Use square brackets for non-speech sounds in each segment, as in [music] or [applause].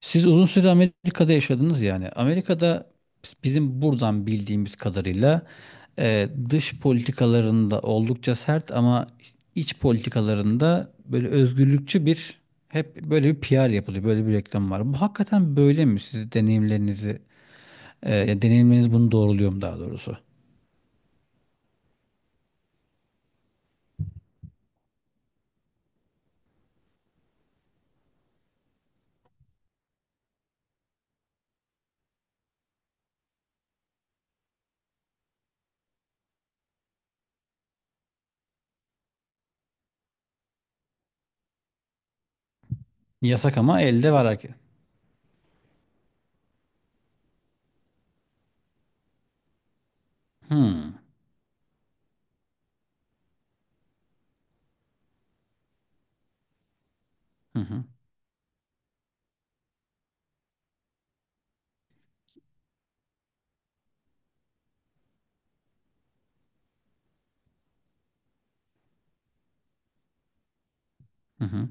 Siz uzun süre Amerika'da yaşadınız yani. Amerika'da bizim buradan bildiğimiz kadarıyla dış politikalarında oldukça sert ama iç politikalarında böyle özgürlükçü bir hep böyle bir PR yapılıyor. Böyle bir reklam var. Bu hakikaten böyle mi? Siz ya deneyimleriniz bunu doğruluyor mu daha doğrusu? Yasak ama elde var herkes. Hmm. Hı hı. Hı hı.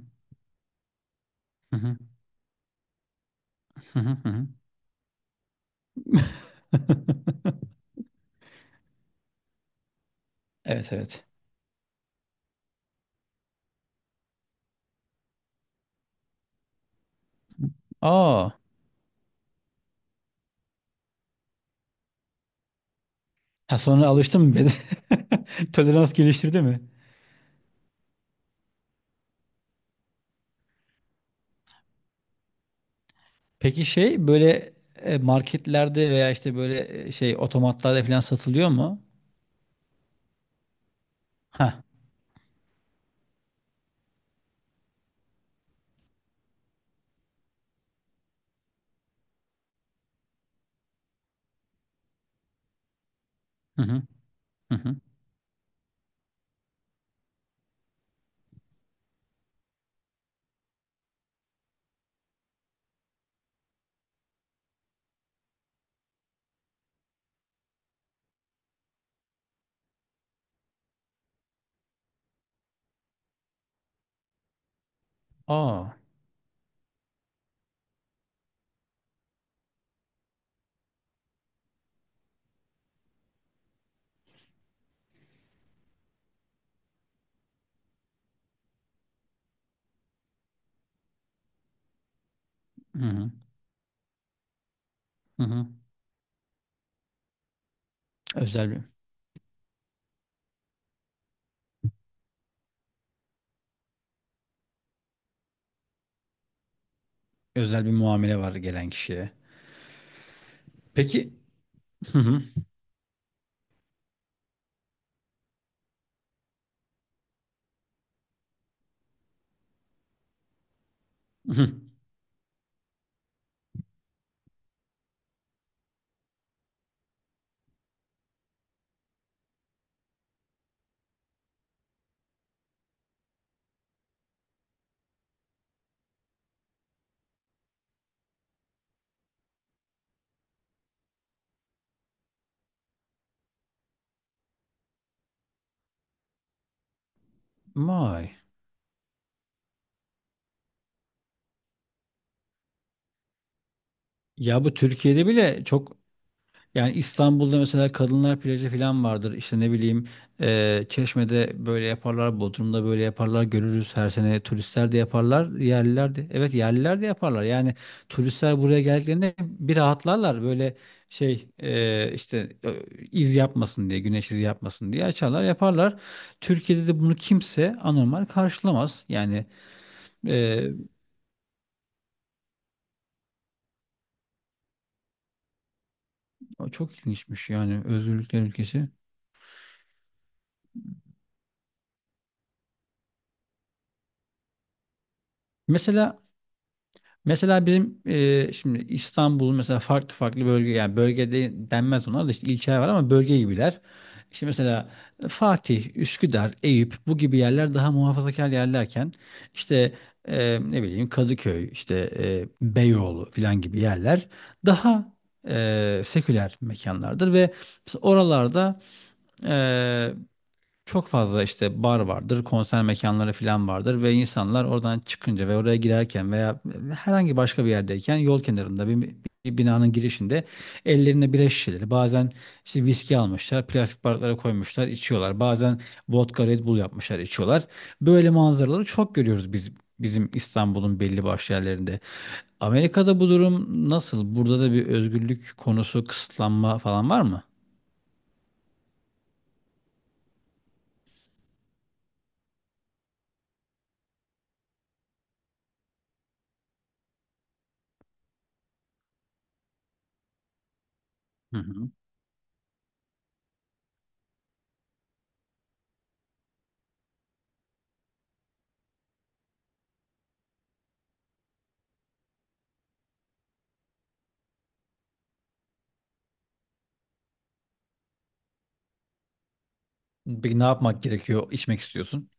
Hı hı. Hı hı. Hı hı. [laughs] Evet, evet. Aa. Ha, sonra alıştın mı biraz? [laughs] Tolerans geliştirdi mi? Peki şey böyle marketlerde veya işte böyle şey otomatlarda falan satılıyor mu? Ha. Hı hı. Hı hı. Aa. Hı hı. Hı hı. Özel bir özel bir muamele var gelen kişiye. Peki. Hı hı. Hı. Vay. Ya bu Türkiye'de bile çok. Yani İstanbul'da mesela kadınlar plajı falan vardır. İşte ne bileyim Çeşme'de böyle yaparlar, Bodrum'da böyle yaparlar. Görürüz, her sene turistler de yaparlar, yerliler de. Evet, yerliler de yaparlar. Yani turistler buraya geldiklerinde bir rahatlarlar. Böyle şey işte iz yapmasın diye, güneş izi yapmasın diye açarlar, yaparlar. Türkiye'de de bunu kimse anormal karşılamaz. Yani eee, çok ilginçmiş yani, özgürlükler ülkesi. Mesela. Mesela bizim şimdi İstanbul'un mesela farklı farklı bölge, yani bölgede denmez, onlar da işte ilçeler var ama bölge gibiler. İşte mesela Fatih, Üsküdar, Eyüp bu gibi yerler daha muhafazakar yerlerken işte ne bileyim Kadıköy, işte Beyoğlu falan gibi yerler daha seküler mekanlardır ve mesela oralarda e, çok fazla işte bar vardır, konser mekanları falan vardır ve insanlar oradan çıkınca ve oraya girerken veya herhangi başka bir yerdeyken yol kenarında bir binanın girişinde ellerine bira şişeleri, bazen işte viski almışlar, plastik bardaklara koymuşlar, içiyorlar. Bazen vodka Red Bull yapmışlar, içiyorlar. Böyle manzaraları çok görüyoruz biz, bizim İstanbul'un belli başlı yerlerinde. Amerika'da bu durum nasıl? Burada da bir özgürlük konusu, kısıtlanma falan var mı? Hı hı. Peki ne yapmak gerekiyor? İçmek istiyorsun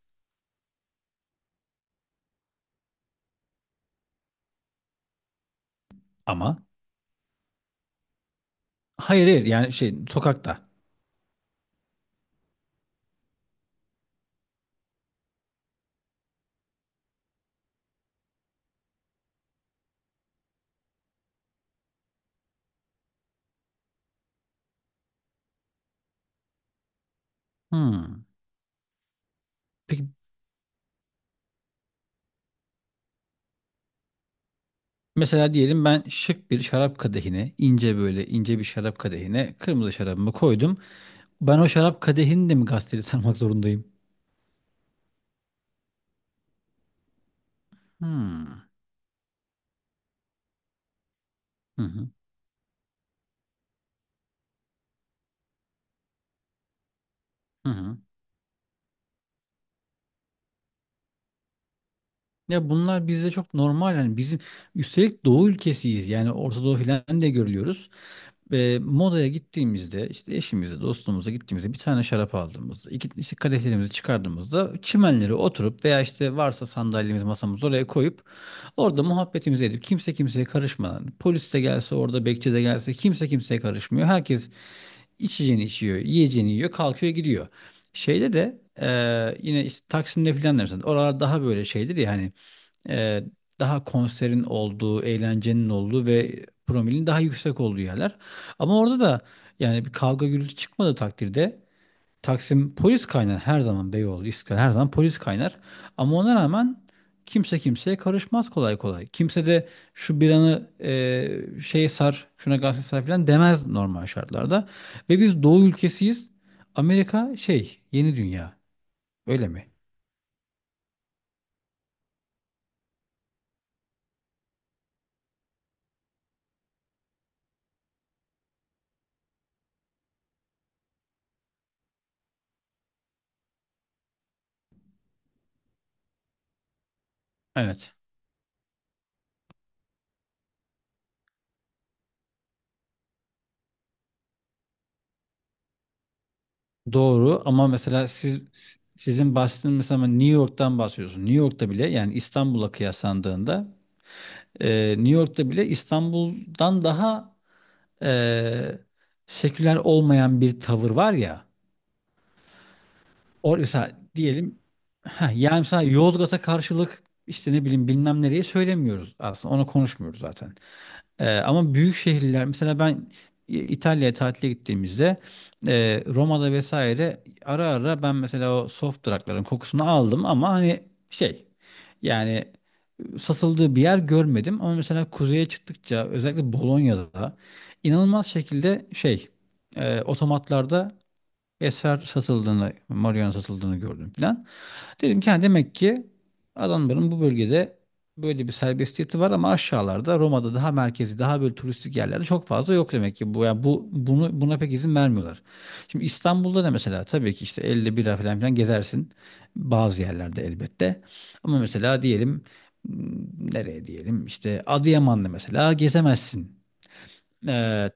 ama. Hayır, hayır, yani şey, sokakta. Hmm. Peki mesela diyelim ben şık bir şarap kadehine, ince böyle ince bir şarap kadehine kırmızı şarabımı koydum. Ben o şarap kadehini de mi gazeteli [laughs] sarmak zorundayım? Hmm. Hı hı. Hı hı. Ya bunlar bizde çok normal yani, bizim üstelik doğu ülkesiyiz, yani Orta Doğu falan de görülüyoruz. Modaya gittiğimizde işte eşimize, dostumuza gittiğimizde bir tane şarap aldığımızda, iki işte kadehlerimizi çıkardığımızda çimenlere oturup veya işte varsa sandalyemiz, masamız, oraya koyup orada muhabbetimizi edip kimse kimseye karışmadan, polis de gelse, orada bekçi de gelse kimse kimseye karışmıyor. Herkes içeceğini içiyor, yiyeceğini yiyor, kalkıyor gidiyor. Şeyde de yine işte Taksim'de filan da mesela oralar daha böyle şeydir ya hani, e, daha konserin olduğu, eğlencenin olduğu ve promilin daha yüksek olduğu yerler. Ama orada da yani bir kavga gürültü çıkmadığı takdirde, Taksim polis kaynar her zaman, Beyoğlu, İstiklal her zaman polis kaynar. Ama ona rağmen kimse kimseye karışmaz kolay kolay. Kimse de şu bir anı şeye sar, şuna gazete sar falan demez normal şartlarda. Ve biz Doğu ülkesiyiz. Amerika şey, yeni dünya. Öyle mi? Evet. Doğru ama mesela siz, sizin bahsettiğiniz, mesela New York'tan bahsediyorsun. New York'ta bile yani İstanbul'a kıyaslandığında New York'ta bile İstanbul'dan daha e, seküler olmayan bir tavır var ya. Or mesela diyelim yani mesela Yozgat'a karşılık işte ne bileyim bilmem nereye söylemiyoruz, aslında onu konuşmuyoruz zaten. Ama büyük şehirler, mesela ben İtalya'ya tatile gittiğimizde Roma'da vesaire, ara ara ben mesela o soft drug'ların kokusunu aldım ama hani şey, yani satıldığı bir yer görmedim ama mesela kuzeye çıktıkça, özellikle Bolonya'da inanılmaz şekilde şey, otomatlarda eser satıldığını, marihuana satıldığını gördüm filan. Dedim ki ha, demek ki adamların bu bölgede böyle bir serbestiyeti var ama aşağılarda Roma'da, daha merkezi daha böyle turistik yerlerde çok fazla yok demek ki bu, yani bu bunu, buna pek izin vermiyorlar. Şimdi İstanbul'da da mesela tabii ki işte elde bira falan filan gezersin bazı yerlerde, elbette. Ama mesela diyelim m, nereye diyelim işte Adıyaman'da mesela gezemezsin. Ee,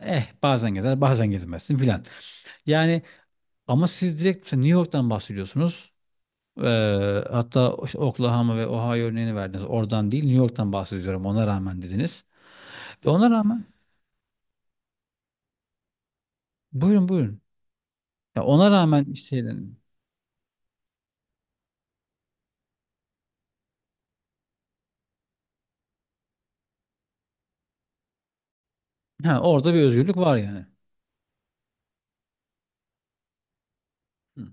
bazen gezer bazen gezemezsin filan. Yani ama siz direkt mesela New York'tan bahsediyorsunuz. Hatta Oklahoma ve Ohio örneğini verdiniz. Oradan değil, New York'tan bahsediyorum. Ona rağmen dediniz. Ve ona rağmen buyurun, buyurun. Ya ona rağmen işte ha, orada bir özgürlük var yani. Hı.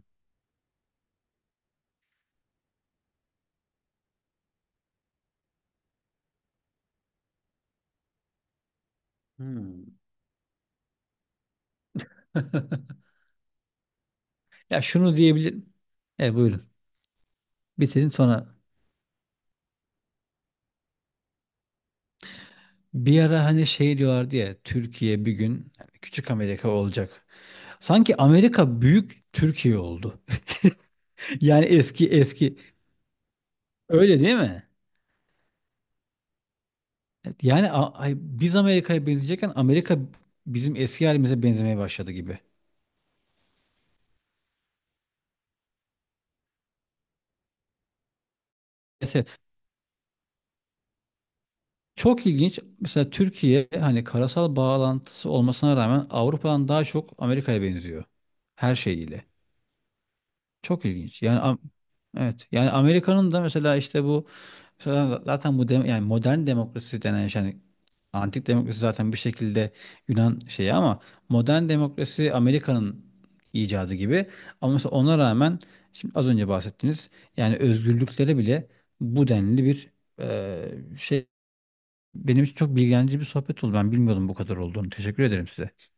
Hmm. [laughs] Ya şunu diyebilirim. E, buyurun. Bitirin sonra. Bir ara hani şey diyorlardı ya, Türkiye bir gün yani küçük Amerika olacak. Sanki Amerika büyük Türkiye oldu. [laughs] Yani eski eski. Öyle değil mi? Evet. Yani biz Amerika'ya benzeyecekken Amerika bizim eski halimize benzemeye başladı gibi. Mesela çok ilginç. Mesela Türkiye hani karasal bağlantısı olmasına rağmen Avrupa'dan daha çok Amerika'ya benziyor. Her şeyiyle. Çok ilginç. Yani evet. Yani Amerika'nın da mesela işte bu, mesela zaten yani modern demokrasi denen şey, yani antik demokrasi zaten bir şekilde Yunan şeyi ama modern demokrasi Amerika'nın icadı gibi. Ama mesela ona rağmen şimdi az önce bahsettiğiniz, yani özgürlükleri bile bu denli bir şey, benim için çok bilgilendirici bir sohbet oldu. Ben bilmiyordum bu kadar olduğunu. Teşekkür ederim size.